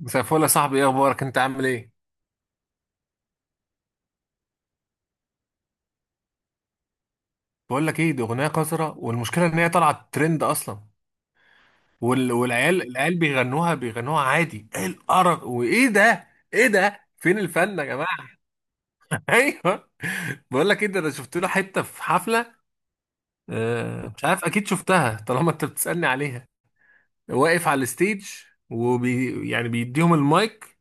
مساء الفل يا صاحبي، ايه اخبارك؟ انت عامل ايه؟ بقول لك ايه، دي اغنيه قذره، والمشكله ان هي طلعت ترند اصلا. والعيال بيغنوها عادي. ايه القرف وايه ده؟ ايه ده؟ فين الفن يا جماعه؟ ايوه. بقول لك ايه ده، انا شفت له حته في حفله. مش عارف، اكيد شفتها طالما انت بتسالني عليها. واقف على الستيج يعني بيديهم المايك،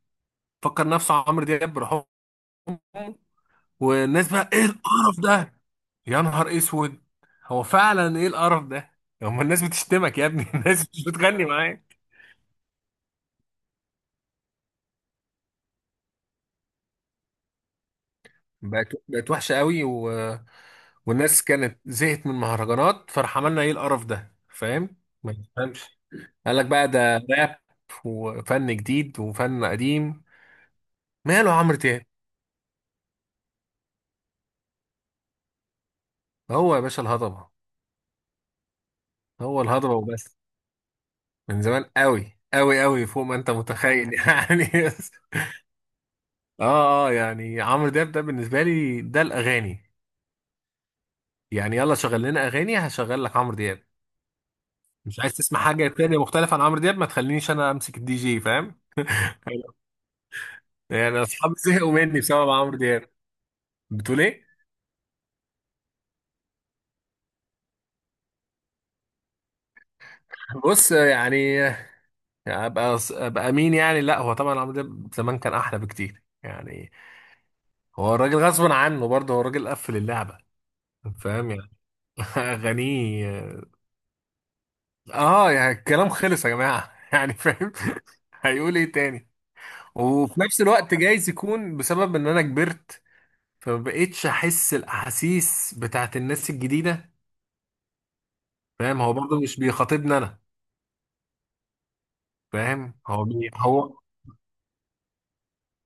فكر نفسه عمرو دياب بروحهم. والناس بقى: ايه القرف ده؟ يا نهار اسود، هو فعلا ايه القرف ده؟ هما الناس بتشتمك يا ابني الناس مش بتغني معاك. بقت وحشه قوي والناس كانت زهقت من المهرجانات، فراح عملنا ايه القرف ده، فاهم؟ ما تفهمش. قال لك بقى ده راب وفن جديد وفن قديم. ماله عمرو دياب؟ هو يا باشا الهضبه، هو الهضبه وبس. من زمان قوي قوي قوي فوق ما انت متخيل يعني. اه اه، يعني عمرو دياب ده بالنسبه لي ده الاغاني. يعني يلا شغل لنا اغاني، هشغل لك عمرو دياب. مش عايز تسمع حاجه تانية مختلفه عن عمرو دياب، ما تخلينيش انا امسك الدي جي، فاهم؟ يعني اصحابي زهقوا مني بسبب عمرو دياب. بتقول ايه؟ بص يعني، ابقى مين يعني؟ لا هو طبعا عمرو دياب زمان كان احلى بكتير، يعني هو الراجل غصب عنه، برضه هو الراجل قفل اللعبه. فاهم يعني؟ اغانيه، اه يعني الكلام خلص يا جماعه يعني فاهم؟ هيقول ايه تاني؟ وفي نفس الوقت جايز يكون بسبب ان انا كبرت، فمبقتش احس الاحاسيس بتاعت الناس الجديده. فاهم؟ هو برضه مش بيخاطبني انا. فاهم؟ هو،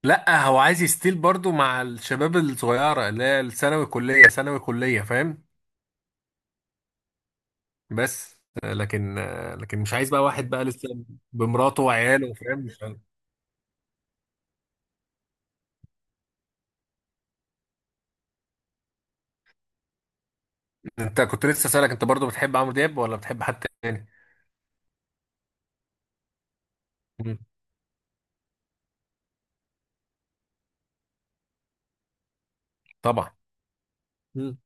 لا هو عايز يستيل برضه مع الشباب الصغيره اللي هي الثانوي كليه، ثانوي كليه، فاهم؟ بس لكن لكن مش عايز بقى واحد بقى لسه بمراته وعياله، فاهم؟ مش عارف. انت كنت لسه سالك انت برضه بتحب عمرو دياب ولا بتحب حد تاني؟ مم. طبعا. مم.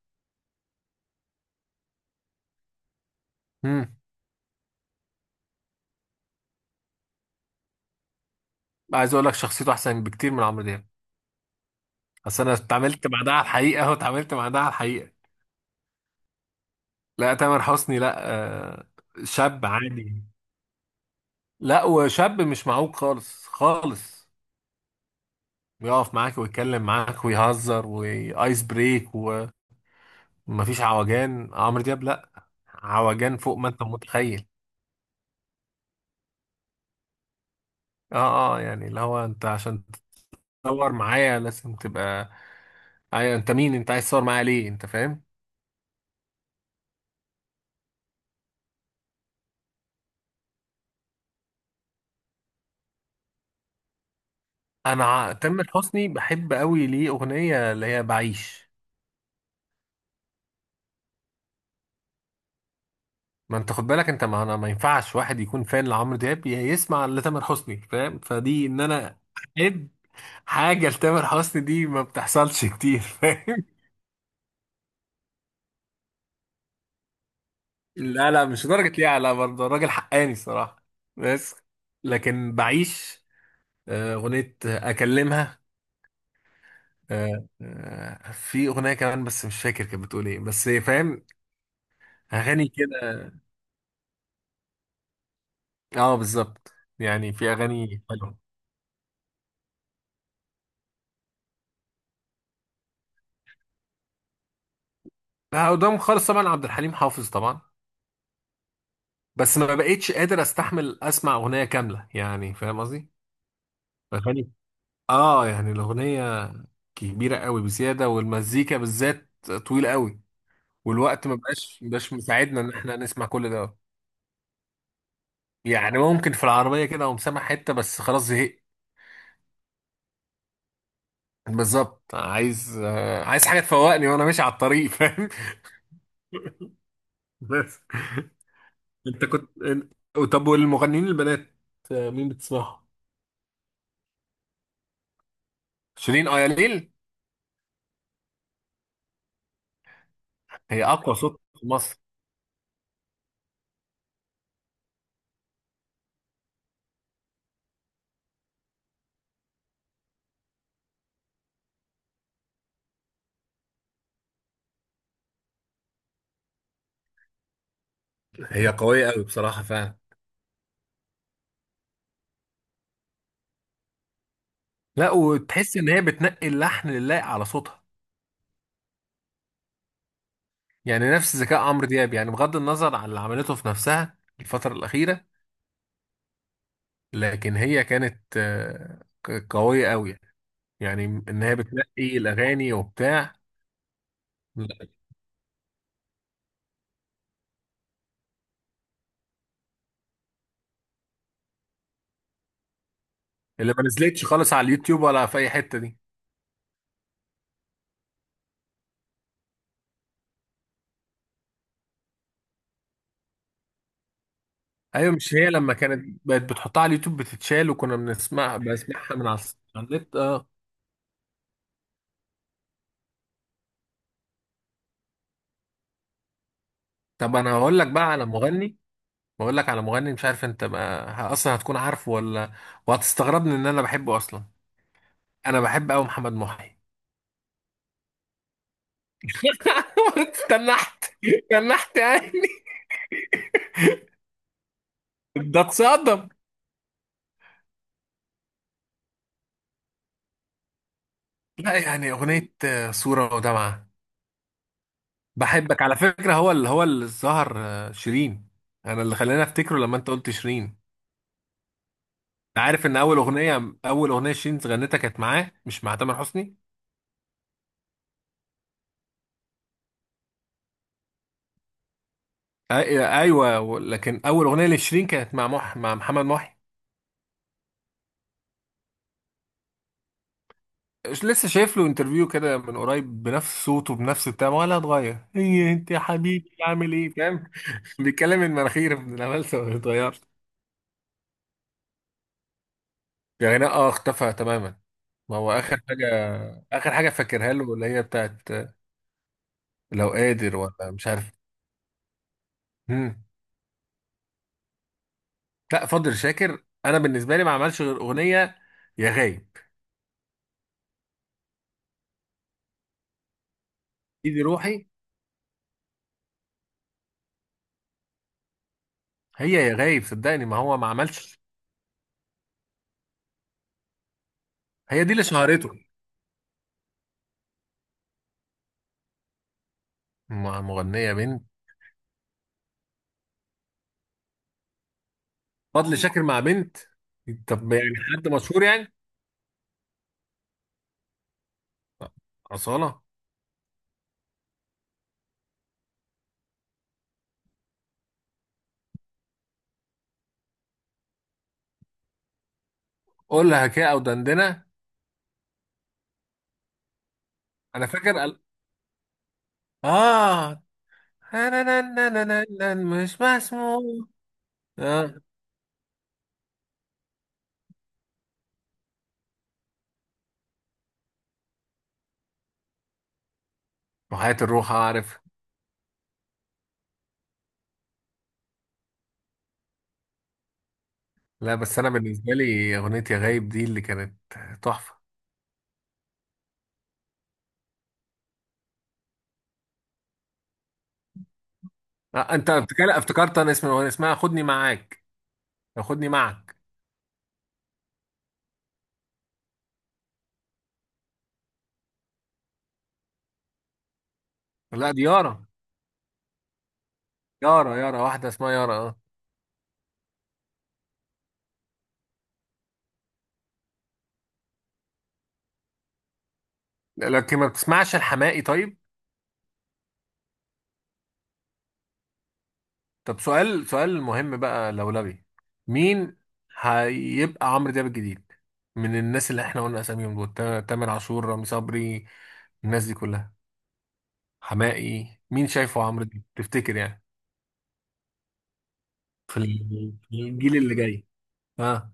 مم. عايز اقول لك: شخصيته احسن بكتير من عمرو دياب. بس انا اتعاملت مع ده على الحقيقه، اهو اتعاملت مع ده على الحقيقه. لا تامر حسني، لا. آه، شاب عادي، لا وشاب مش معوق خالص خالص، بيقف معاك ويتكلم معاك ويهزر وايس بريك، ومفيش عوجان. عمرو دياب لا، عوجان فوق ما انت متخيل. اه اه، يعني اللي هو انت عشان تتصور معايا لازم تبقى، ايوه انت مين؟ انت عايز تصور معايا ليه انت، فاهم؟ تامر حسني بحب قوي ليه اغنيه اللي هي "بعيش". ما انت خد بالك انت، ما انا ما ينفعش واحد يكون فان لعمرو دياب يسمع لتامر حسني، فاهم؟ فدي ان انا احب حاجه لتامر حسني دي ما بتحصلش كتير، فاهم؟ لا لا، مش درجه ليه، على برضه الراجل حقاني الصراحه. بس لكن "بعيش" اغنيه اكلمها. في اغنيه كمان بس مش فاكر كانت بتقول ايه، بس فاهم؟ اغاني كده، اه بالظبط، يعني في اغاني حلوه. لا، قدام خالص طبعا عبد الحليم حافظ طبعا، بس ما بقيتش قادر استحمل اسمع اغنيه كامله، يعني فاهم قصدي؟ اغاني، اه يعني الاغنيه كبيره قوي بزياده، والمزيكا بالذات طويله قوي، والوقت ما بقاش مش مساعدنا ان احنا نسمع كل ده. يعني ممكن في العربيه كده اقوم سامع حته بس خلاص زهقت. بالظبط، عايز عايز حاجه تفوقني وانا ماشي على الطريق، فاهم؟ بس طب والمغنيين البنات مين بتسمعهم؟ شيرين، اياليل. هي اقوى صوت في مصر. هي قوية أوي بصراحة فعلا. لا، وتحس ان هي بتنقي اللحن اللايق على صوتها، يعني نفس ذكاء عمرو دياب، يعني بغض النظر عن اللي عملته في نفسها الفترة الأخيرة. لكن هي كانت قوية قوي، يعني ان هي بتنقي الأغاني وبتاع. لا، اللي ما نزلتش خالص على اليوتيوب ولا في أي حتة دي. ايوه مش هي لما كانت بقت بتحطها على اليوتيوب بتتشال، وكنا بنسمع بسمعها من على على النت. اه. طب انا هقول لك بقى على مغني، بقول لك على مغني مش عارف انت بقى اصلا هتكون عارفه ولا، وهتستغربني ان انا بحبه اصلا. انا بحب قوي محمد محي. استنحت استنحت يعني، ده اتصدم. لا، يعني اغنيه "صوره ودمعه"، "بحبك على فكره"، هو اللي اللي ظهر شيرين، انا اللي خلاني افتكره لما انت قلت شيرين. انت عارف ان اول اغنيه، اول اغنيه شيرين غنتها كانت معاه مش مع تامر حسني. أي- ايوه لكن اول اغنيه لشيرين كانت مع مح مع محمد محي. مش لسه شايف له انترفيو كده من قريب؟ بنفس صوته، بنفس بتاعه، ولا اتغير؟ هي انت يا حبيبي عامل ايه، فاهم؟ بيتكلم، إن مناخير من العمالسة ما بتتغيرش، يعني. اه اختفى تماما. ما هو آخر حاجة، آخر حاجة فاكرها له اللي هي بتاعت "لو قادر ولا مش عارف". مم. لا فضل شاكر أنا بالنسبة لي ما عملش غير أغنية "يا غايب"، "إيدي روحي". هي "يا غايب" صدقني، ما هو ما عملش. هي دي اللي شهرته. مع مغنية بنت؟ فضل شاكر مع بنت؟ طب يعني حد مشهور يعني؟ أصالة؟ قول لها كده أو دندنة. أنا فاكر قال- آه. مش مسموع. اه. وحياة الروح اعرف. لا بس انا بالنسبه لي اغنيه "يا غايب" دي اللي كانت تحفه. انت بتتكلم افتكرت انا اسم الاغنيه، اسمها "خدني معاك"، "خدني معك". لا دي يارا، يارا، يارا، واحده اسمها يارا. اه. لكن ما بتسمعش الحماقي طيب؟ طب سؤال، سؤال مهم بقى لولبي: مين هيبقى عمرو دياب الجديد من الناس اللي احنا قلنا اساميهم دول، تامر عاشور، رامي صبري، الناس دي كلها، حمائي، مين شايفه عمرو دياب تفتكر يعني؟ في الجيل اللي جاي. اه.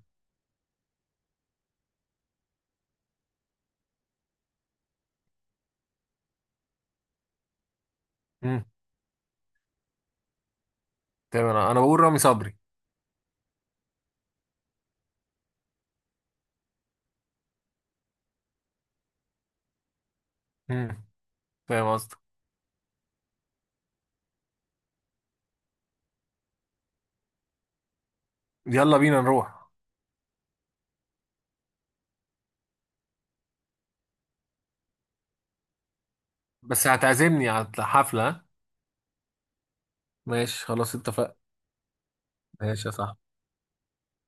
امم، تمام أنا بقول رامي صبري. امم، فاهم قصدك. يلا بينا نروح. بس هتعزمني على حفلة؟ ماشي خلاص اتفقنا. ماشي يا صاحبي.